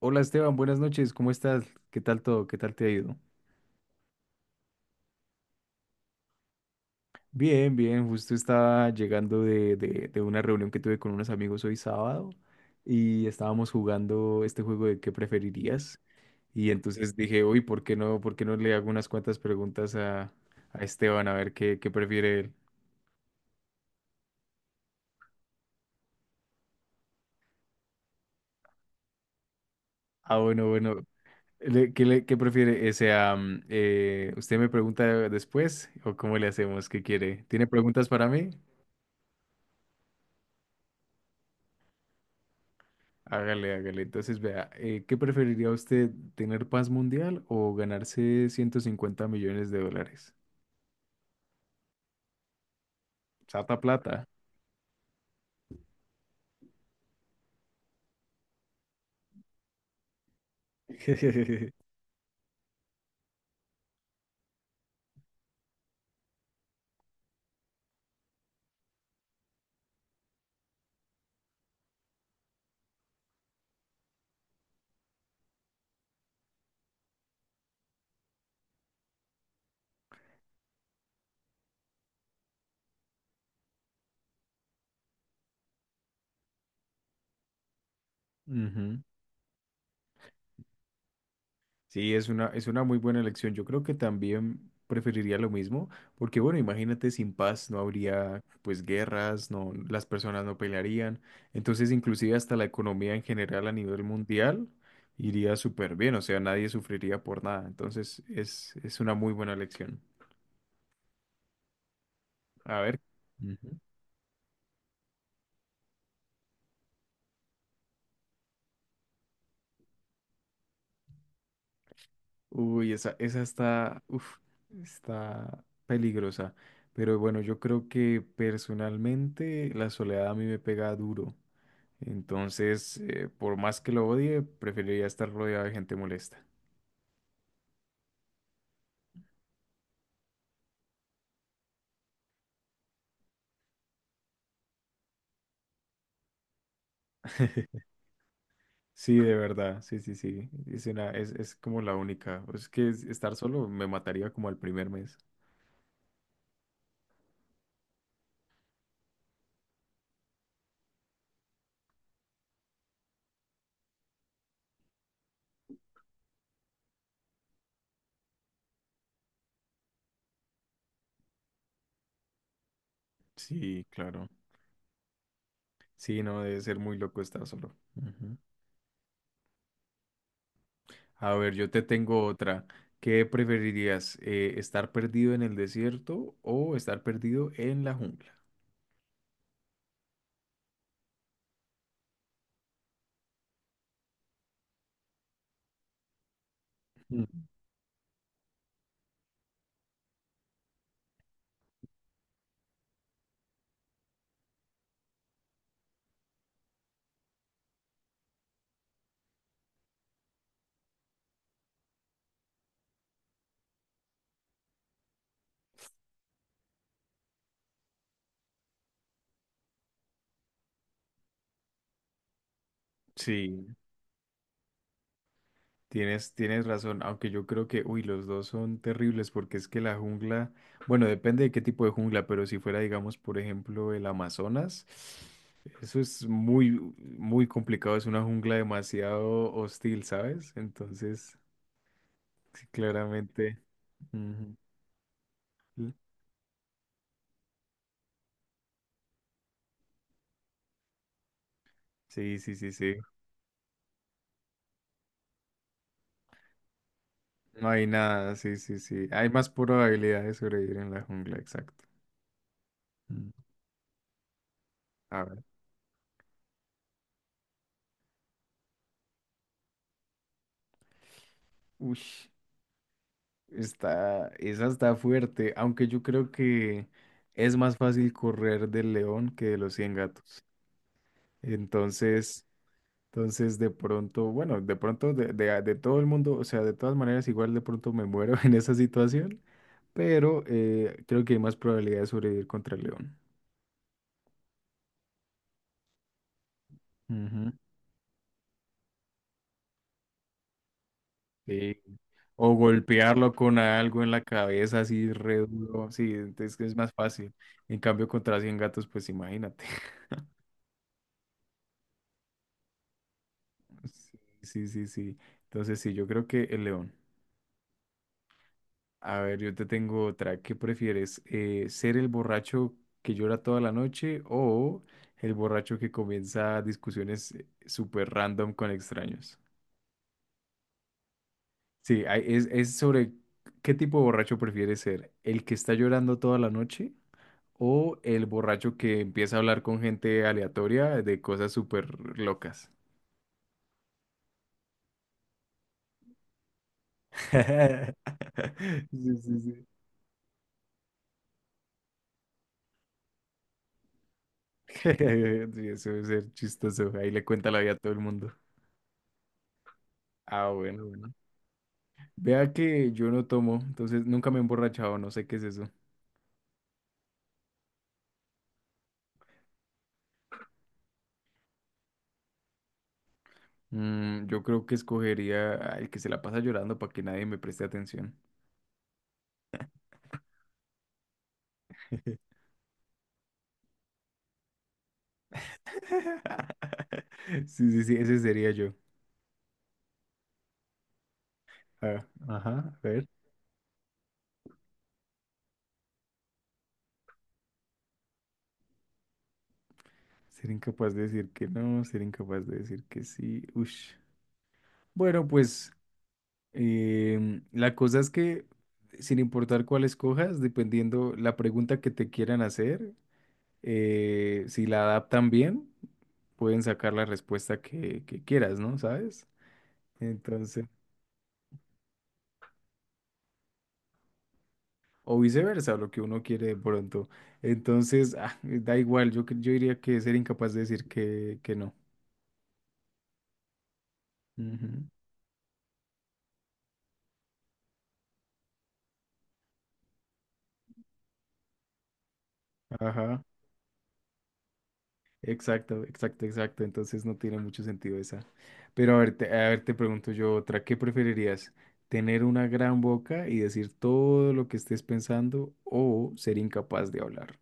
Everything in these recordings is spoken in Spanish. Hola Esteban, buenas noches, ¿cómo estás? ¿Qué tal todo? ¿Qué tal te ha ido? Bien, bien, justo estaba llegando de una reunión que tuve con unos amigos hoy sábado y estábamos jugando este juego de qué preferirías y entonces dije, uy, ¿por qué no le hago unas cuantas preguntas a Esteban a ver qué prefiere él? Ah, bueno, bueno, ¿ qué prefiere? O sea, ¿usted me pregunta después o cómo le hacemos? ¿Qué quiere? ¿Tiene preguntas para mí? Hágale, hágale. Entonces, vea, ¿qué preferiría usted, tener paz mundial o ganarse 150 millones de dólares? Sata plata. Ujú. Sí, es una muy buena elección. Yo creo que también preferiría lo mismo, porque bueno, imagínate, sin paz no habría pues guerras, no, las personas no pelearían. Entonces, inclusive hasta la economía en general a nivel mundial iría súper bien, o sea, nadie sufriría por nada. Entonces, es una muy buena elección. A ver. Ujú. Uy, esa está peligrosa. Pero bueno, yo creo que personalmente la soledad a mí me pega duro. Entonces, por más que lo odie, preferiría estar rodeado de gente molesta. Sí, de verdad, sí, sí, sí. Es como la única. Es que estar solo me mataría como al primer mes. Sí, claro. Sí, no, debe ser muy loco estar solo. Ujú. A ver, yo te tengo otra. ¿Qué preferirías? ¿Estar perdido en el desierto o estar perdido en la jungla? Mm. Sí, tienes razón, aunque yo creo que, uy, los dos son terribles porque es que la jungla, bueno, depende de qué tipo de jungla, pero si fuera, digamos, por ejemplo, el Amazonas, eso es muy, muy complicado, es una jungla demasiado hostil, ¿sabes? Entonces, sí, claramente. Ujú. Sí, sí, sí, sí. No hay nada, sí, sí, sí. Hay más probabilidad de sobrevivir en la jungla, exacto. Mm. A ver. Uy, está, esa está fuerte, aunque yo creo que es más fácil correr del león que de los 100 gatos. Entonces, de pronto de todo el mundo, o sea, de todas maneras, igual de pronto me muero en esa situación, pero creo que hay más probabilidad de sobrevivir contra el león. Ujú. Sí, o golpearlo con algo en la cabeza así re duro. Sí, es que es más fácil. En cambio, contra 100 gatos, pues imagínate. Sí, sí, sí, sí. Entonces, sí, yo creo que el león. A ver, yo te tengo otra. ¿Qué prefieres? ¿Ser el borracho que llora toda la noche o el borracho que comienza discusiones súper random con extraños? Sí, es sobre qué tipo de borracho prefieres ser. ¿El que está llorando toda la noche? O el borracho que empieza a hablar con gente aleatoria de cosas súper locas. Sí, sí, sí. Sí, eso debe ser chistoso. Ahí le cuenta la vida a todo el mundo. Ah, bueno, bueno. Vea que yo no tomo, entonces nunca me he emborrachado, no sé qué es eso. Mm, yo creo que escogería al que se la pasa llorando para que nadie me preste atención. Sí, sí, sí, ese sería yo. Ah, ajá, a ver. Ser incapaz de decir que no, ser incapaz de decir que sí. Ush. Bueno, pues la cosa es que sin importar cuál escojas, dependiendo la pregunta que te quieran hacer, si la adaptan bien, pueden sacar la respuesta que quieras, ¿no? ¿Sabes? Entonces, o viceversa, lo que uno quiere de pronto. Entonces, ah, da igual, yo diría que ser incapaz de decir que no. Ujú. Ajá. Exacto, exacto, exacto. Entonces no tiene mucho sentido esa. Pero a ver, te pregunto yo otra. ¿Qué preferirías? ¿Tener una gran boca y decir todo lo que estés pensando o ser incapaz de hablar?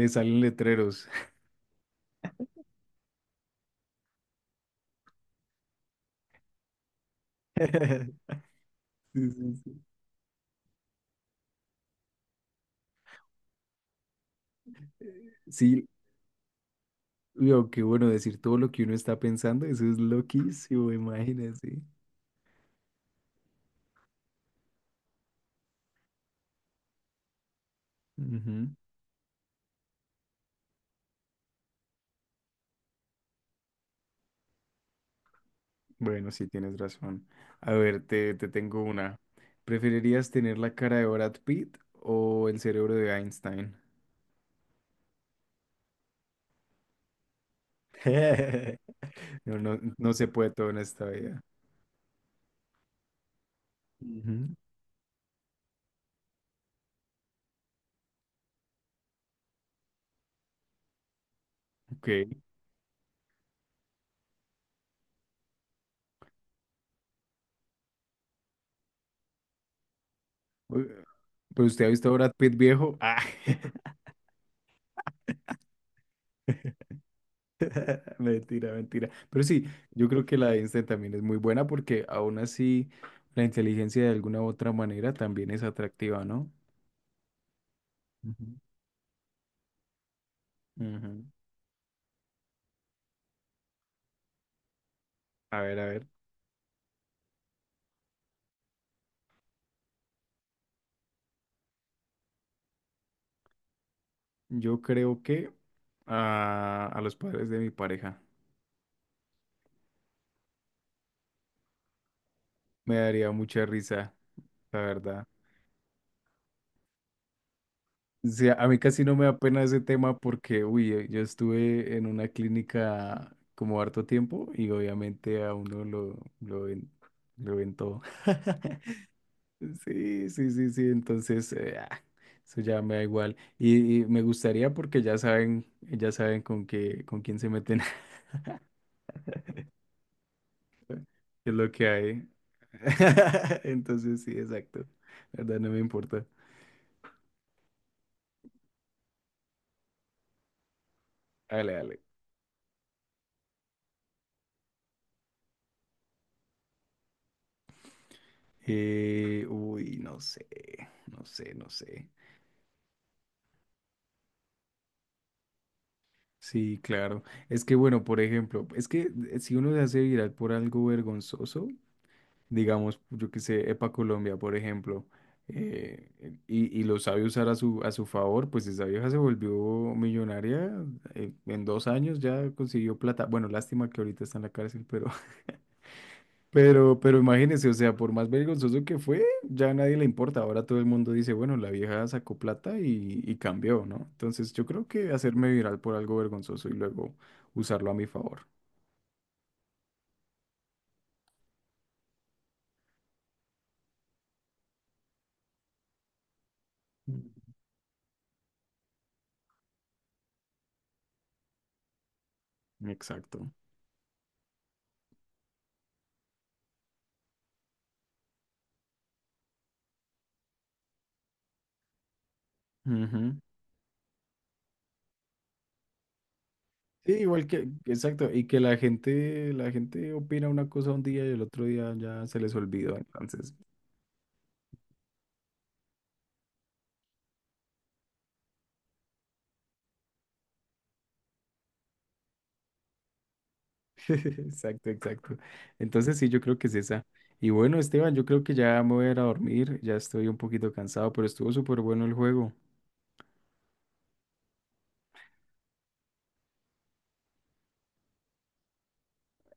Le salen letreros. Sí, sí, sí. Sí, lo que bueno, decir todo lo que uno está pensando, eso es loquísimo, imagínate. Ujú. Bueno, sí, tienes razón. A ver, te tengo una. ¿Preferirías tener la cara de Brad Pitt o el cerebro de Einstein? No, no, no se puede todo en esta vida. Ujú. Ok. Uy, pero usted ha visto a Brad Pitt viejo. Ah. Mentira, mentira. Pero sí, yo creo que la de Einstein también es muy buena porque aún así la inteligencia de alguna u otra manera también es atractiva, ¿no? Ujú. Ujú. A ver, a ver. Yo creo que a, los padres de mi pareja me daría mucha risa, la verdad. Sí, a mí casi no me da pena ese tema porque, uy, yo estuve en una clínica como harto tiempo y obviamente a uno lo ven, lo ven todo. Sí, sí, sí, sí, entonces eso ya me da igual. Y me gustaría porque ya saben con qué, con quién se meten, qué es lo que hay. Entonces sí, exacto. La verdad no me importa. Dale, dale. Uy, no sé, no sé, no sé. Sí, claro. Es que, bueno, por ejemplo, es que si uno se hace viral por algo vergonzoso, digamos, yo que sé, Epa Colombia, por ejemplo, y lo sabe usar a su favor, pues esa vieja se volvió millonaria, en 2 años ya consiguió plata. Bueno, lástima que ahorita está en la cárcel, pero imagínese, o sea, por más vergonzoso que fue, ya a nadie le importa. Ahora todo el mundo dice, bueno, la vieja sacó plata y cambió, ¿no? Entonces yo creo que hacerme viral por algo vergonzoso y luego usarlo a mi favor. Mm. Exacto. Ujú. Sí, igual que, exacto, y que la gente opina una cosa un día y el otro día ya se les olvidó, entonces. Exacto, exacto. Entonces sí, yo creo que es esa. Y bueno, Esteban, yo creo que ya me voy a ir a dormir, ya estoy un poquito cansado, pero estuvo súper bueno el juego.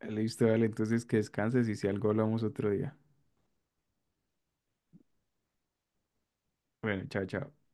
Listo, dale, entonces que descanses y si algo hablamos otro día. Bueno, chao, chao.